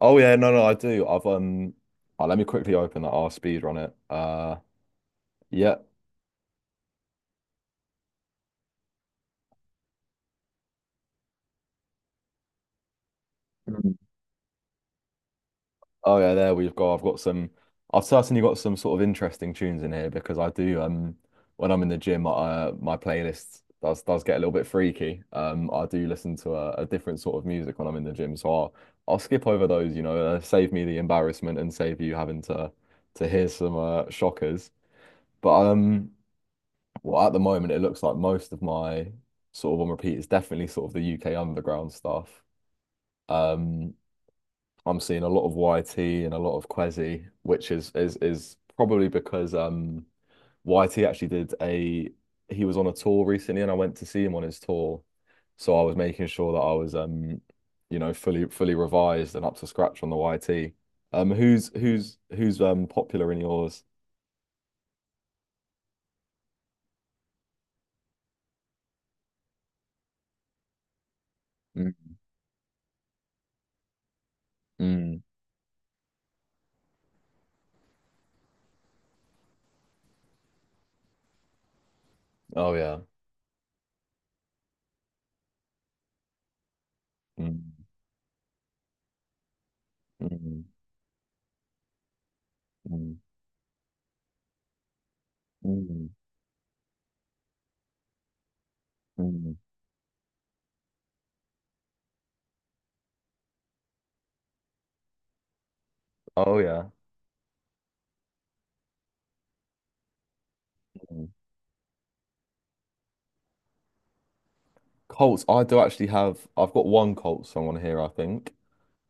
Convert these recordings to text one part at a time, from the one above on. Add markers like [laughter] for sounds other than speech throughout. Oh yeah, no, no, I do. I've Oh, let me quickly open that R speed on it. Yeah. Mm. Oh yeah, there we've got. I've got some. I've certainly got some sort of interesting tunes in here because I do. When I'm in the gym, my playlist does get a little bit freaky. I do listen to a different sort of music when I'm in the gym, so I'll skip over those. Save me the embarrassment and save you having to hear some shockers. But. Well, at the moment, it looks like most of my sort of on repeat is definitely sort of the UK underground stuff. Um, I'm seeing a lot of YT and a lot of Kwezi, which is probably because YT actually did a he was on a tour recently and I went to see him on his tour. So I was making sure that I was you know fully revised and up to scratch on the YT. Who's popular in yours? Mm. Mm. Oh yeah. Mm. Mm. Mm. Mm. Mm. Oh yeah. Mm. Colts, I do actually have, I've got one Colts song on here, I think.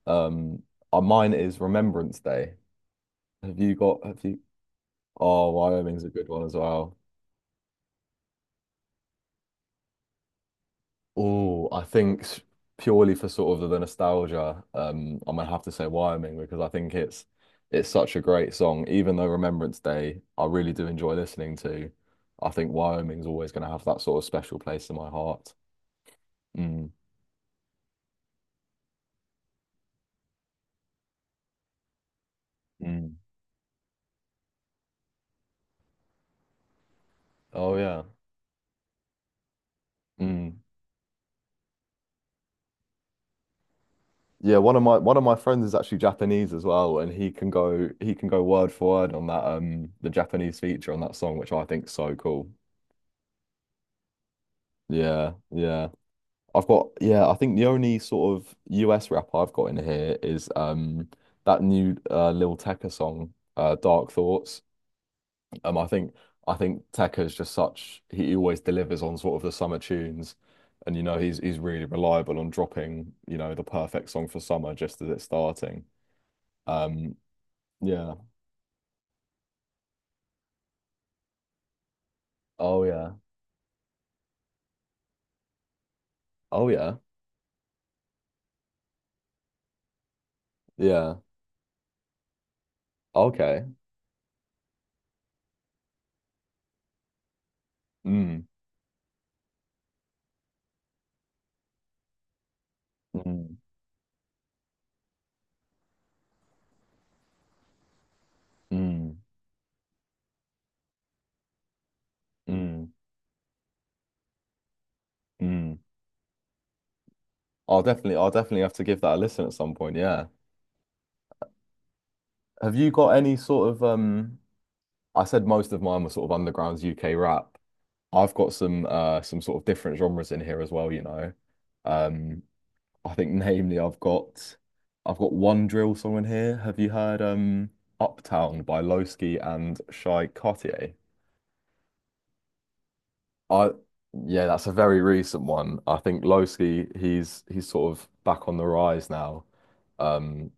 Um Mine is Remembrance Day. Have you got have you Oh, Wyoming's a good one as well. Oh, I think s- Purely for sort of the nostalgia, I'm gonna have to say Wyoming because I think it's such a great song. Even though Remembrance Day, I really do enjoy listening to. I think Wyoming's always gonna have that sort of special place in my heart. Mm. Mm. Oh yeah. Mm. Yeah, one of my friends is actually Japanese as well, and he can go word for word on that the Japanese feature on that song, which I think's so cool. Yeah, yeah. I think the only sort of US rap I've got in here is that new Lil Tecca song, uh, Dark Thoughts. I think Tecca is just such he always delivers on sort of the summer tunes and you know he's really reliable on dropping, you know, the perfect song for summer just as it's starting. Um yeah. Oh yeah. Oh yeah. Yeah. Okay. Mm. Mm. Mm. Mm. Mm. I'll definitely have to give that a listen at some point, yeah. Have you got any sort of I said most of mine were sort of underground's UK rap. I've got some sort of different genres in here as well, you know. Um I think namely I've got one drill song in here. Have you heard Uptown by Lowski and Shy Cartier? I Yeah, that's a very recent one. I think Lowski, he's sort of back on the rise now. Um,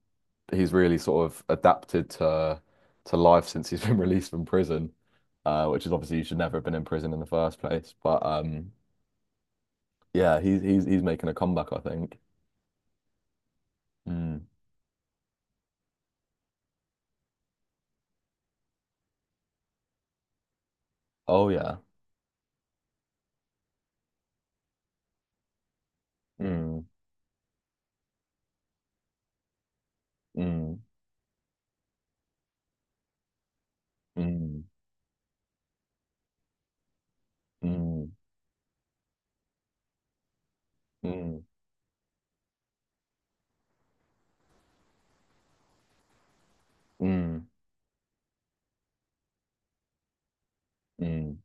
he's really sort of adapted to life since he's been [laughs] released from prison, which is obviously you should never have been in prison in the first place. But Yeah, he's making a comeback, I think. Mm. Oh yeah. Mm, mm, mm, mm, mm, mm, mm. Mm.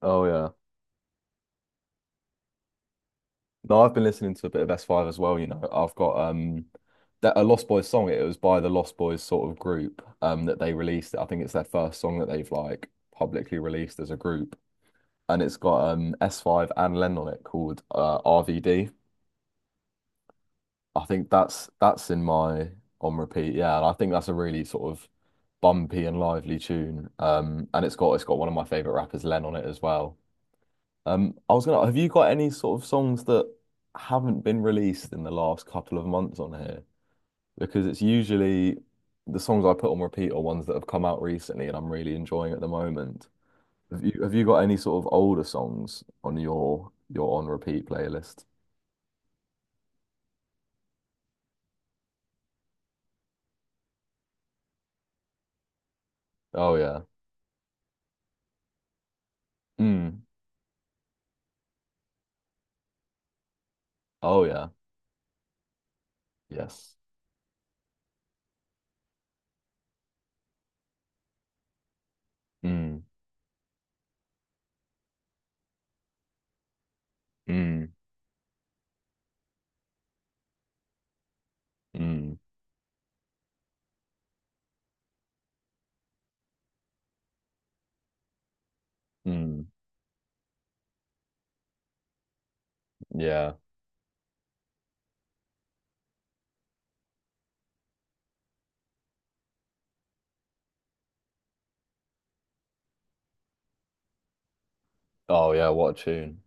Oh yeah. No, I've been listening to a bit of S5 as well, you know. I've got that a Lost Boys song. It was by the Lost Boys sort of group that they released. I think it's their first song that they've like publicly released as a group. And it's got S5 and Len on it called RVD. I think that's in my on repeat, yeah. And I think that's a really sort of bumpy and lively tune. And it's got one of my favorite rappers, Len, on it as well. Have you got any sort of songs that haven't been released in the last couple of months on here? Because it's usually the songs I put on repeat are ones that have come out recently and I'm really enjoying at the moment. Have you got any sort of older songs on your on repeat playlist? Oh yeah. Mm. Oh yeah. Yes. Mm. Mm. Mm. Mm. Yeah. Oh yeah, what a tune.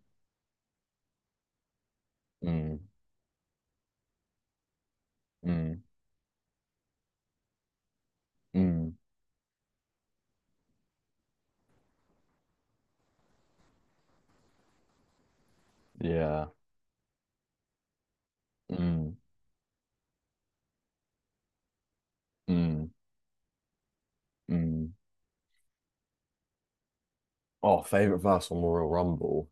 Mm. Mm. Mm. Yeah. Mm. Mm. Mm. Oh, favorite verse from Royal Rumble.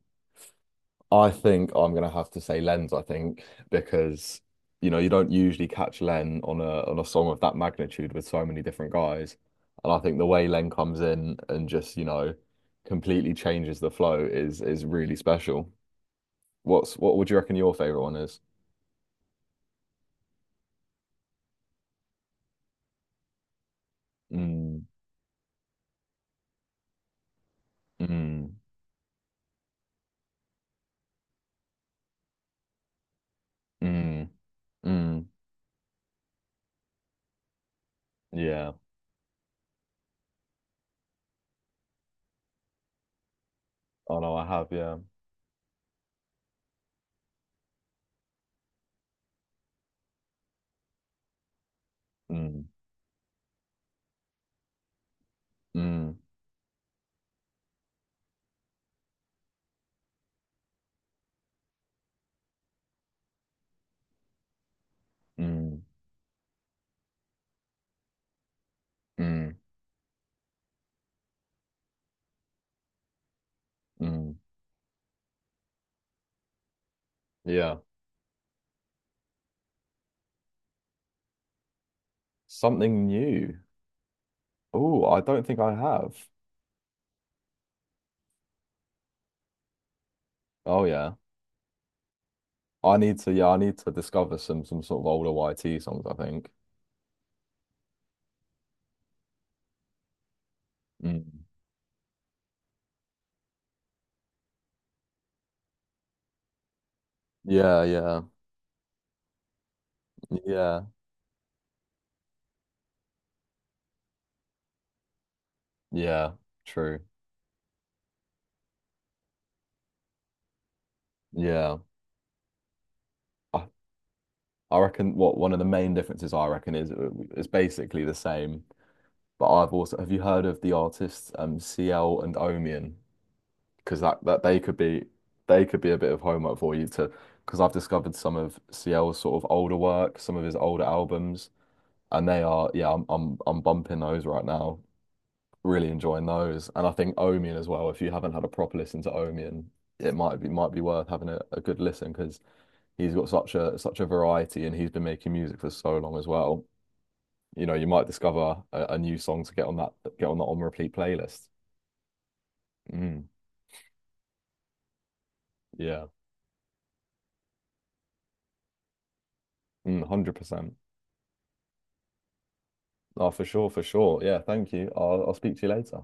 I think I'm gonna have to say Len's, I think, because you know, you don't usually catch Len on a song of that magnitude with so many different guys. And I think the way Len comes in and just, you know, completely changes the flow is really special. What's what would you reckon your favorite one is? Mm, mm, mm, mm. Yeah. Oh no, I have, yeah. Mm, mm, mm, mm, mm. Yeah. Something new. Oh, I don't think I have. Oh yeah. I need to discover some sort of older YT songs, I think. Mm. Yeah, yeah. Yeah. Yeah. True. Yeah. I, I reckon what one of the main differences I reckon is basically the same. But I've also have you heard of the artists CL and Omian? Because that they could be a bit of homework for you to, because I've discovered some of CL's sort of older work, some of his older albums. And they are, yeah, I'm bumping those right now, really enjoying those. And I think Omian as well, if you haven't had a proper listen to Omian, it might be worth having a good listen, because he's got such a variety, and he's been making music for so long as well. You know, you might discover a new song to get on that, on repeat playlist. Mm, yeah. Mm, 100%. Oh, for sure, for sure. Yeah, thank you. I'll speak to you later.